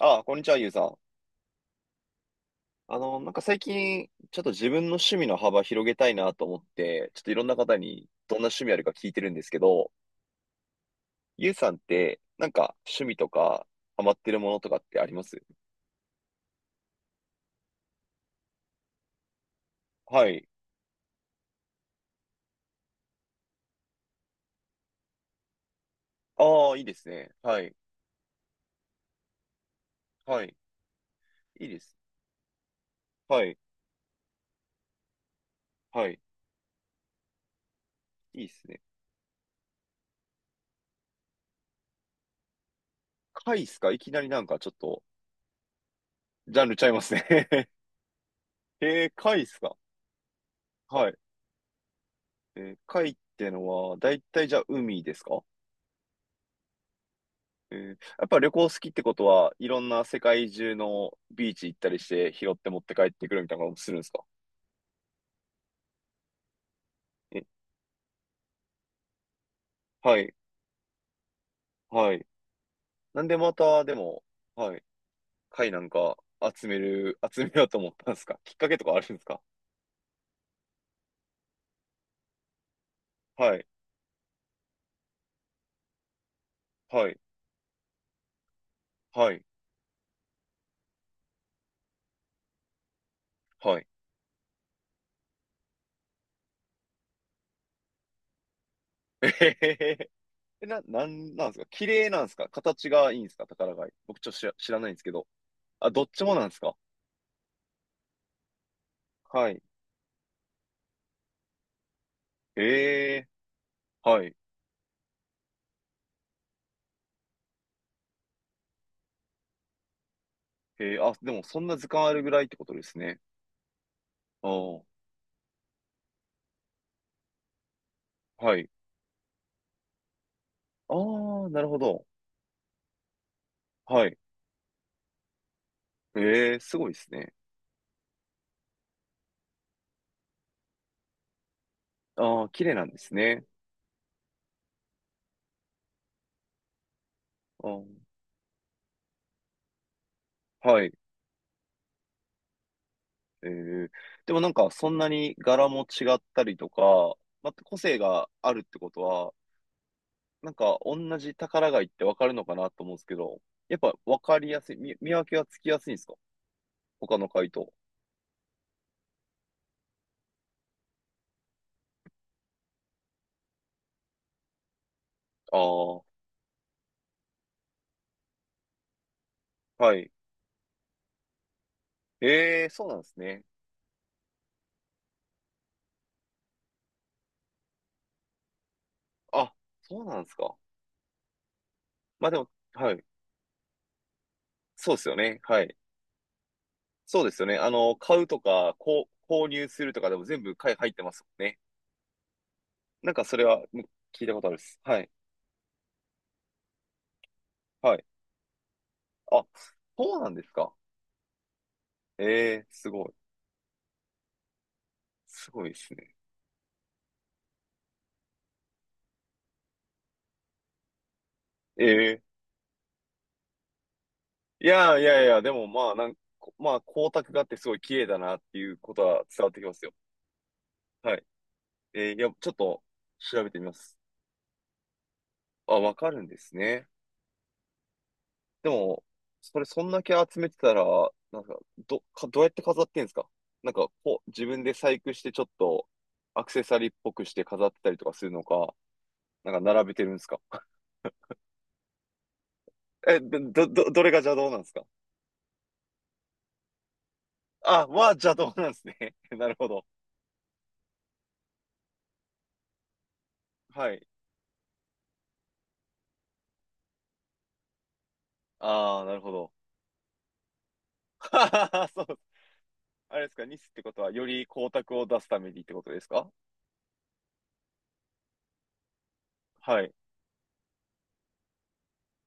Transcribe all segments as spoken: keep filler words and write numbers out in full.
ああ、こんにちは、ゆうさん。あの、なんか最近、ちょっと自分の趣味の幅広げたいなと思って、ちょっといろんな方にどんな趣味あるか聞いてるんですけど、ゆうさんって、なんか趣味とか、ハマってるものとかってありますはい。ああ、いいですね。はい。はい。いいです。はい。はい。いいですね。貝っすか？いきなりなんかちょっと、ジャンルちゃいますね。 えー、貝っすか？はい。えー、貝ってのは、だいたいじゃあ海ですか？えー、やっぱ旅行好きってことは、いろんな世界中のビーチ行ったりして、拾って持って帰ってくるみたいなこともするんですか？え、はい、はい。なんでまた、でも、はい、貝なんか集める、集めようと思ったんですか？きっかけとかあるんですか？はい、はい、はい、はい。えへへへ。な、なんなんですか？綺麗なんですか？形がいいんですか、宝貝。僕ちょっと知ら、知らないんですけど。あ、どっちもなんですか？はい。ええ、はい。えー、あ、でもそんな図鑑あるぐらいってことですね。ああ、はい。ああ、なるほど。はい。ええ、すごいですね。ああ、綺麗なんですね。あー、はい。ええ、でもなんか、そんなに柄も違ったりとか、また個性があるってことは、なんか、同じ宝貝ってわかるのかなと思うんですけど、やっぱわかりやすい、見、見分けがつきやすいんですか、他の貝と。ああ、はい。ええ、そうなんですね。あ、そうなんですか。まあでも、はい。そうですよね。はい。そうですよね。あの、買うとか、こう、購入するとかでも全部買い入ってますもんね。なんかそれはむ聞いたことあるです。はい。はい。あ、そうなんですか。ええ、すごい。すごいですね。ええ、いやいやいや、でもまあ、なんこまあ、光沢があってすごい綺麗だなっていうことは伝わってきますよ。はい。ええ、いや、ちょっと調べてみます。あ、わかるんですね。でも、それそんだけ集めてたら、なんか、ど、か、どうやって飾ってんすか？なんか、こう、自分で細工してちょっと、アクセサリーっぽくして飾ってたりとかするのか、なんか並べてるんですか？え、ど、ど、どどれが邪道なんですか？あ、は邪道なんですね。なるほど。はい。ああ、なるほど。そう。あれですか、ニスってことは、より光沢を出すためにってことですか？はい。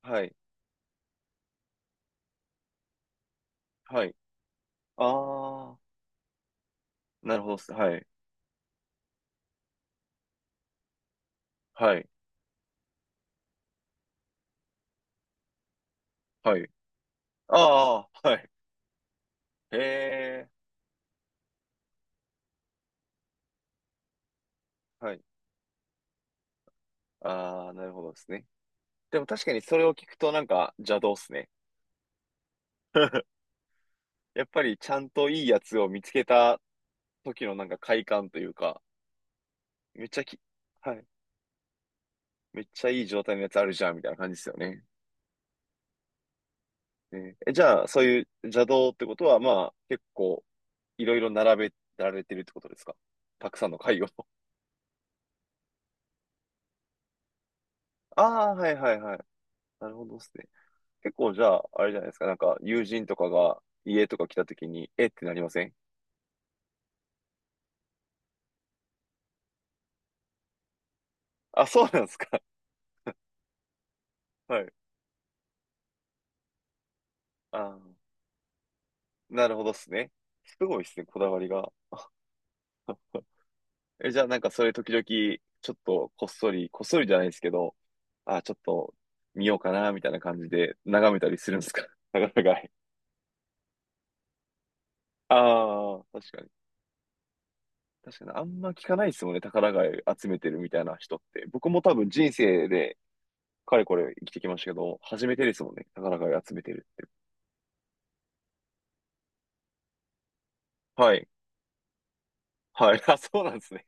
はい。はい。ああ、なるほどっす。はい。はい。はい。ああ、はい。へえ。はい。ああ、なるほどですね。でも確かにそれを聞くとなんか邪道っすね。やっぱりちゃんといいやつを見つけた時のなんか快感というか、めっちゃき、はい。めっちゃいい状態のやつあるじゃんみたいな感じですよね。ねえ、じゃあ、そういう邪道ってことは、まあ、結構いろいろ並べられてるってことですか？たくさんの会を。ああ、はいはいはい。なるほどですね。結構じゃあ、あれじゃないですか。なんか友人とかが家とか来た時に、えってなりません？あ、そうなんですか。はい。ああ。なるほどっすね。すごいっすね、こだわりが。え、じゃあなんかそれ時々、ちょっとこっそり、こっそりじゃないですけど、あ、ちょっと見ようかな、みたいな感じで眺めたりするんですか？ 宝貝。ああ、確かに。確かに、あんま聞かないですもんね、宝貝集めてるみたいな人って。僕も多分人生で、かれこれ生きてきましたけど、初めてですもんね、宝貝集めてるって。はい。はい。あ、そうなんですね。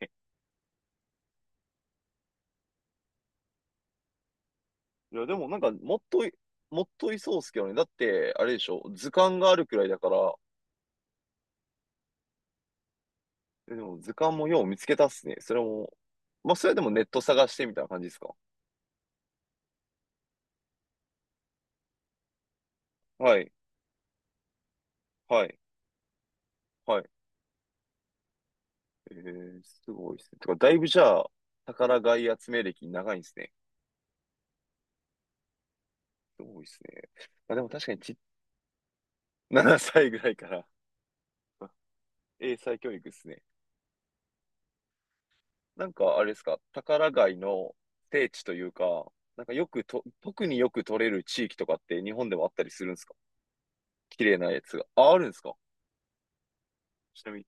いや、でもなんか、もっとい、もっといそうっすけどね。だって、あれでしょ、図鑑があるくらいだから、でも図鑑もよう見つけたっすね。それも、まあ、それでもネット探してみたいな感じですか？はい、はい、はい。えー、すごいですね。てか、だいぶじゃあ、宝貝集め歴長いんですね。すごいですね。まあ、でも確かにち、ななさいぐらいから。 英才教育ですね。なんか、あれですか、宝貝の聖地というか、なんかよくと、特によく取れる地域とかって日本でもあったりするんですか？綺麗なやつが。あ、あるんですか？ちなみに、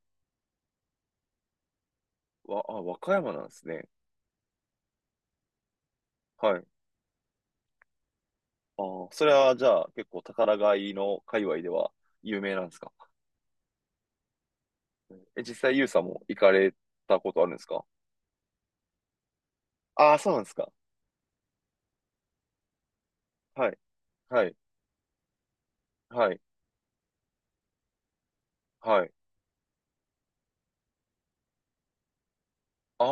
わ、あ、和歌山なんですね。はい。ああ、それはじゃあ結構宝買いの界隈では有名なんですか？え、実際ユウさんも行かれたことあるんですか？ああ、そうなんですか。はい、はい、はい、はい。あ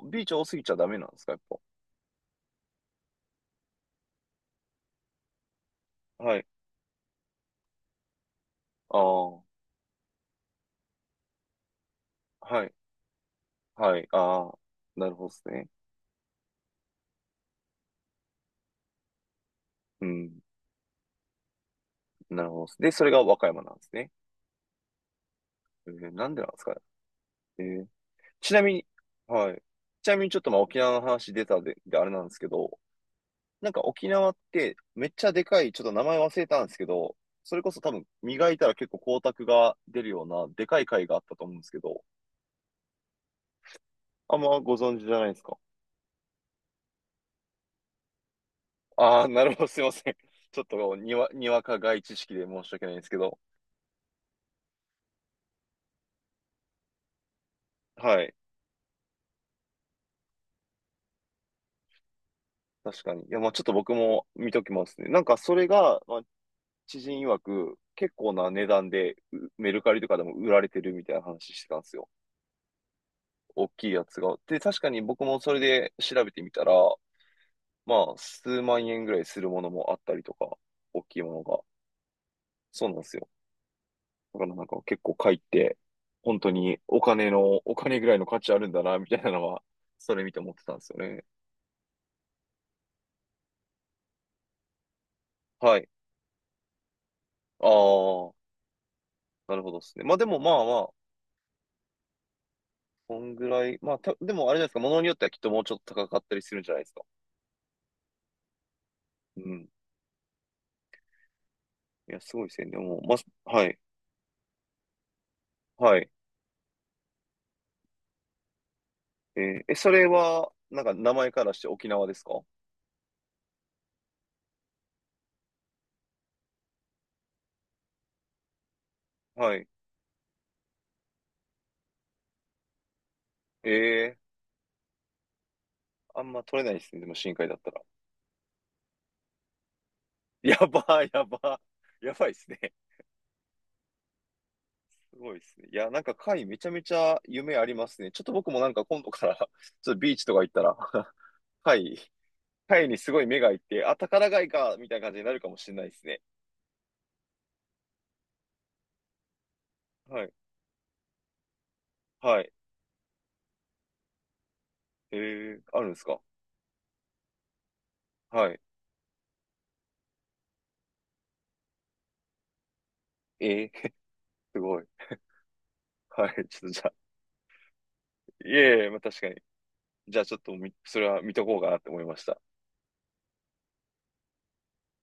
あ、ビーチ多すぎちゃダメなんですか、やっぱ。はい。ああ、はい、はい、ああ、なるほどですね。うん、なるほどです。で、それが和歌山なんですね。えー、なんでなんですか？えー、ちなみに、はい。ちなみにちょっとまあ沖縄の話出たで、であれなんですけど、なんか沖縄ってめっちゃでかい、ちょっと名前忘れたんですけど、それこそ多分磨いたら結構光沢が出るようなでかい貝があったと思うんですけど、あんまご存知じゃないですか。ああ、なるほど、すいません。ちょっとにわ、にわか外知識で申し訳ないんですけど、はい。確かに。いや、まあちょっと僕も見ときますね。なんかそれが、まあ、知人曰く結構な値段でうメルカリとかでも売られてるみたいな話してたんですよ。大きいやつが。で、確かに僕もそれで調べてみたら、まあ、すうまんえんぐらいするものもあったりとか、大きいものが。そうなんですよ。だからなんか結構貝って、本当にお金の、お金ぐらいの価値あるんだな、みたいなのは、それ見て思ってたんですよね。はい。ああ、なるほどですね。まあでもまあまあ、こんぐらい。まあ、た、でもあれじゃないですか、ものによってはきっともうちょっと高かったりするんじゃないですか。うん。いや、すごいですね。でも、まあ、はい。はい。えーえ、それは、なんか名前からして沖縄ですか？はい。ええ、あんま取れないですね。でも深海だったら。やばい、やばい、やばいですね。すごいですね。いや、なんか貝めちゃめちゃ夢ありますね。ちょっと僕もなんか今度から ちょっとビーチとか行ったら 貝、貝にすごい目がいって、あ、宝貝か、みたいな感じになるかもしれないですね。はい。はい。えー、あるんですか？はい。えー、すごい。はい。ちょっとじゃあ、いえいえ、まあ確かに。じゃあちょっとみそれは見とこうかなって思いました。